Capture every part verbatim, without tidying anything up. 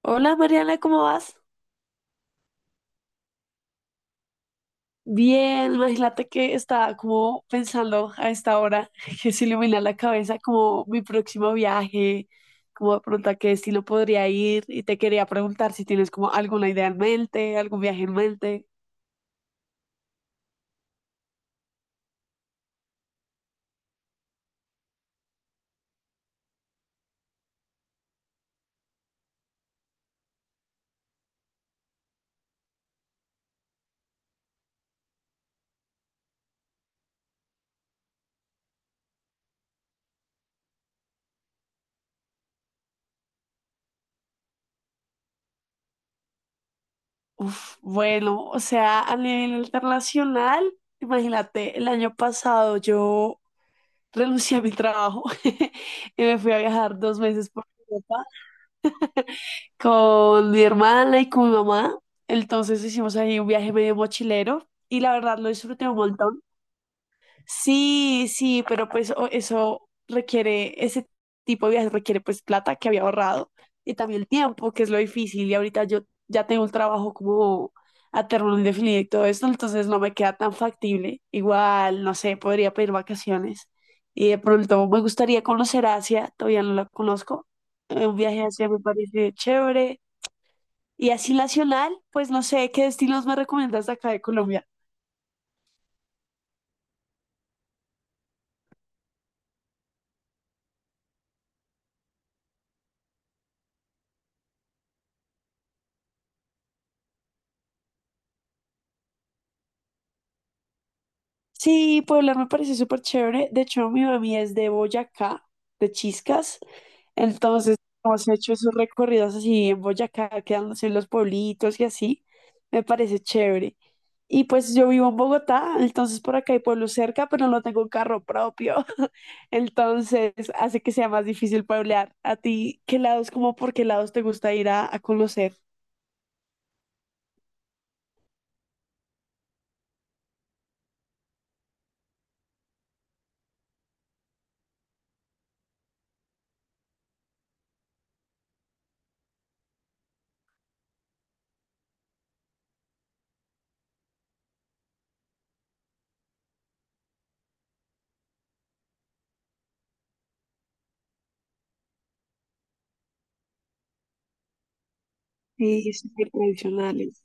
Hola Mariana, ¿cómo vas? Bien, imagínate que estaba como pensando a esta hora que se ilumina la cabeza como mi próximo viaje, como de pronto a qué destino podría ir y te quería preguntar si tienes como alguna idea en mente, algún viaje en mente. Uf, bueno, o sea, a nivel internacional, imagínate, el año pasado yo renuncié a mi trabajo y me fui a viajar dos meses por Europa con mi hermana y con mi mamá. Entonces hicimos ahí un viaje medio mochilero y la verdad lo disfruté un montón. Sí, sí, pero pues o- eso requiere, ese tipo de viajes requiere pues plata que había ahorrado y también el tiempo, que es lo difícil. Y ahorita yo ya tengo un trabajo como a término indefinido y todo esto, entonces no me queda tan factible. Igual, no sé, podría pedir vacaciones. Y de pronto me gustaría conocer Asia, todavía no la conozco. Eh, Un viaje a Asia me parece chévere. Y así nacional, pues no sé qué destinos me recomiendas de acá de Colombia. Sí, Puebla me parece súper chévere. De hecho, mi mami es de Boyacá, de Chiscas. Entonces, hemos hecho esos recorridos así en Boyacá, quedándose en los pueblitos y así. Me parece chévere. Y pues yo vivo en Bogotá, entonces por acá hay pueblos cerca, pero no tengo un carro propio. Entonces, hace que sea más difícil pueblear. ¿A ti qué lados, como por qué lados te gusta ir a, a conocer? Sí, súper tradicionales.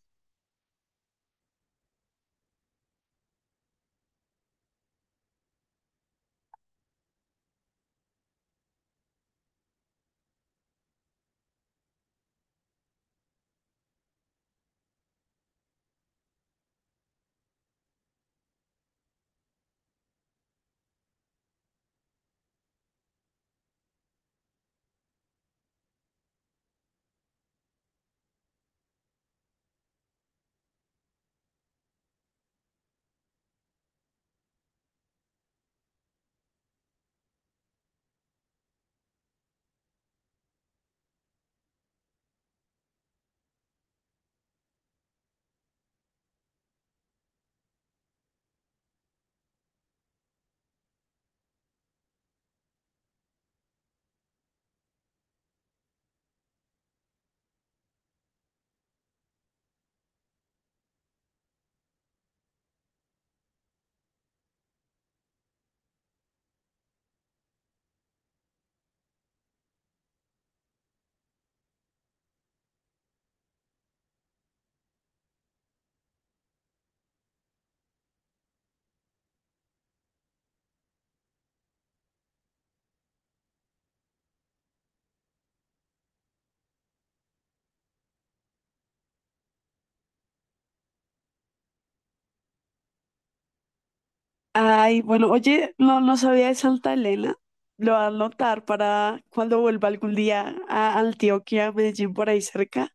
Ay, bueno, oye, no, no sabía de Santa Elena. Lo voy a anotar para cuando vuelva algún día a Antioquia, Medellín, por ahí cerca,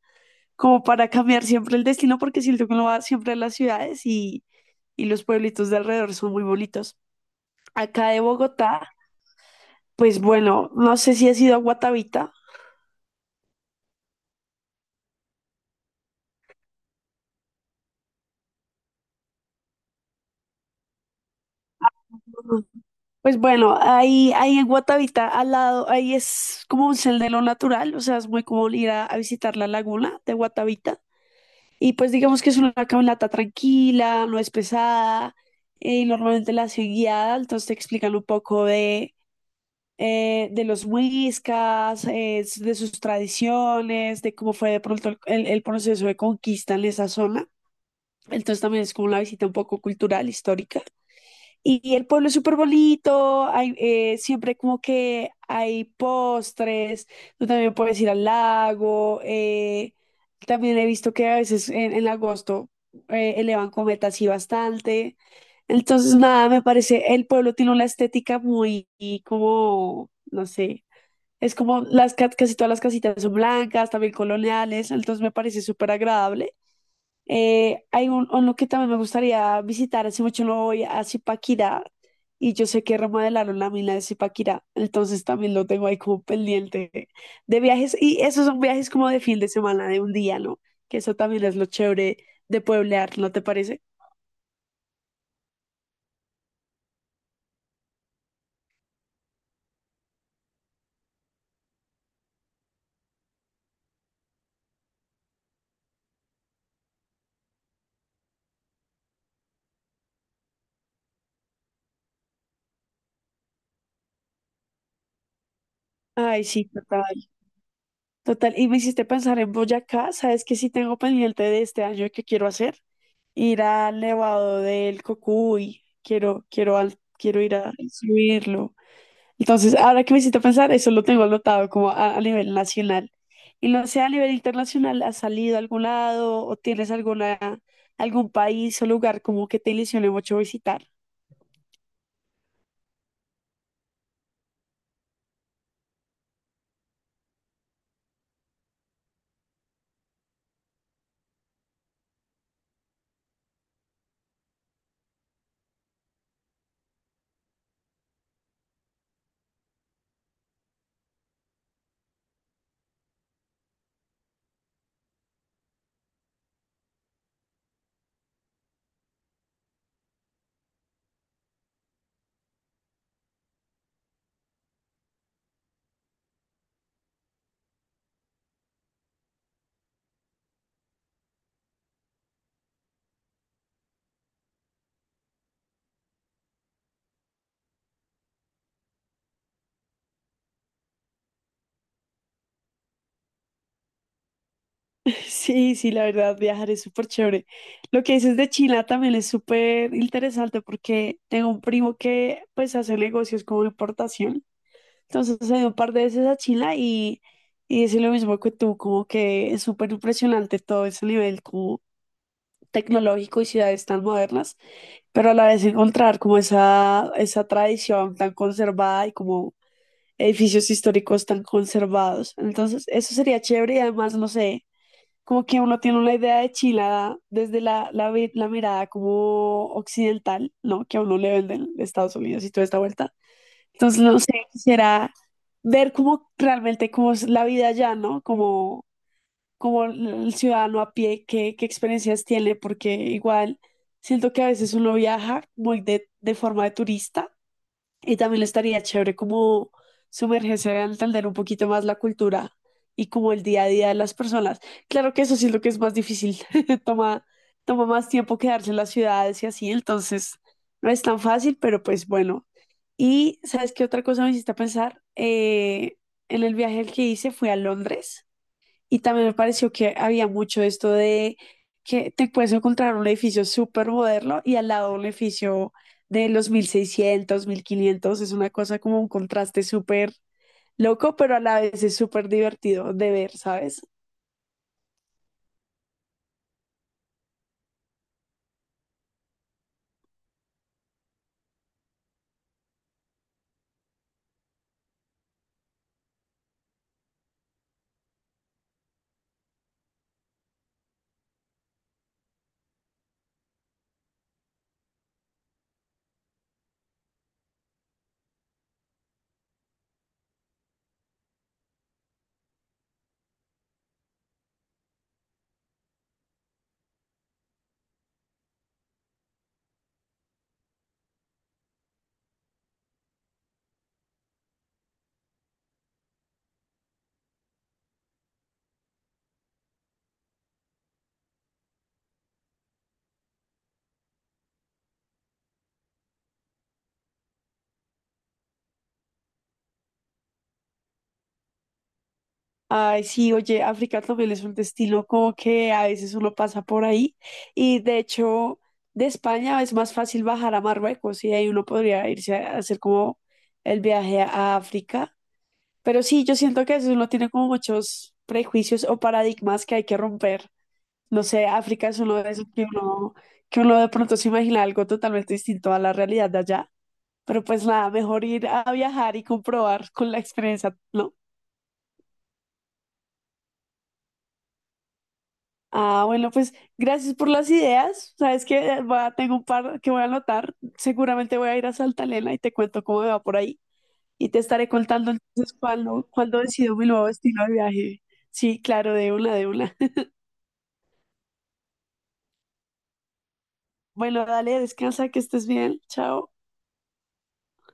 como para cambiar siempre el destino, porque siento que uno va siempre a las ciudades y, y los pueblitos de alrededor son muy bonitos. Acá de Bogotá, pues bueno, no sé si has ido a Guatavita. Ujú. Pues bueno, ahí, ahí en Guatavita, al lado, ahí es como un sendero natural, o sea, es muy común ir a, a visitar la laguna de Guatavita. Y pues digamos que es una caminata tranquila, no es pesada, eh, y normalmente la hace guiada, entonces te explican un poco de, eh, de los muiscas, eh, de sus tradiciones, de cómo fue de pronto el, el- el proceso de conquista en esa zona. Entonces también es como una visita un poco cultural, histórica. Y el pueblo es súper bonito, hay, eh, siempre como que hay postres, tú también puedes ir al lago, eh, también he visto que a veces en, en agosto eh, elevan cometas y bastante. Entonces, nada, me parece, el pueblo tiene una estética muy y como, no sé, es como las ca- casi todas las casitas son blancas, también coloniales, entonces me parece súper agradable. Eh, hay un, uno que también me gustaría visitar, hace mucho no voy a Zipaquirá y yo sé que remodelaron la mina de Zipaquirá, entonces también lo tengo ahí como pendiente de viajes y esos son viajes como de fin de semana, de un día, ¿no? Que eso también es lo chévere de pueblear, ¿no te parece? Ay, sí, total, total. Y me hiciste pensar en Boyacá, ¿sabes que sí tengo pendiente de este año que quiero hacer? Ir al Nevado del Cocuy, quiero, quiero, al- quiero ir a subirlo. Entonces, ahora que me hiciste pensar, eso lo tengo anotado como a, a nivel nacional. Y no sé, a nivel internacional, ¿has salido a algún lado o tienes alguna, algún país o lugar como que te ilusione mucho visitar? Sí, sí, la verdad, viajar es súper chévere. Lo que dices de China también es súper interesante porque tengo un primo que pues hace negocios como de importación. Entonces he ido un par de veces a China y, y es lo mismo que tú, como que es súper impresionante todo ese nivel tecnológico y ciudades tan modernas, pero a la vez encontrar como esa, esa tradición tan conservada y como edificios históricos tan conservados. Entonces, eso sería chévere y además, no sé, como que uno tiene una idea de Chile desde la, la, vi- la mirada como occidental, ¿no? Que a uno le venden de Estados Unidos y toda esta vuelta. Entonces, no sé, quisiera ver como realmente cómo es la vida allá, ¿no? Como como el ciudadano a pie, qué, qué experiencias tiene, porque igual siento que a veces uno viaja muy de, de forma de turista y también le estaría chévere como sumergirse a entender un poquito más la cultura y como el día a día de las personas. Claro que eso sí es lo que es más difícil, toma, toma más tiempo quedarse en las ciudades y así, entonces no es tan fácil, pero pues bueno. Y ¿sabes qué otra cosa me hiciste pensar? Eh, en el viaje que hice fui a Londres y también me pareció que había mucho esto de que te puedes encontrar un edificio súper moderno y al lado un edificio de los mil seiscientos mil quinientos. Es una cosa como un contraste súper loco, pero a la vez es súper divertido de ver, ¿sabes? Ay, sí, oye, África también es un destino como que a veces uno pasa por ahí y de hecho de España es más fácil bajar a Marruecos y ahí uno podría irse a hacer como el viaje a África. Pero sí, yo siento que eso uno tiene como muchos prejuicios o paradigmas que hay que romper. No sé, África es uno de esos que uno, que uno de pronto se imagina algo totalmente distinto a la realidad de allá. Pero pues nada, mejor ir a viajar y comprobar con la experiencia, ¿no? Ah, bueno, pues gracias por las ideas. Sabes que tengo un par que voy a anotar. Seguramente voy a ir a Santa Elena y te cuento cómo me va por ahí. Y te estaré contando entonces cuándo, cuándo decido mi nuevo destino de viaje. Sí, claro, de una, de una. Bueno, dale, descansa, que estés bien. Chao.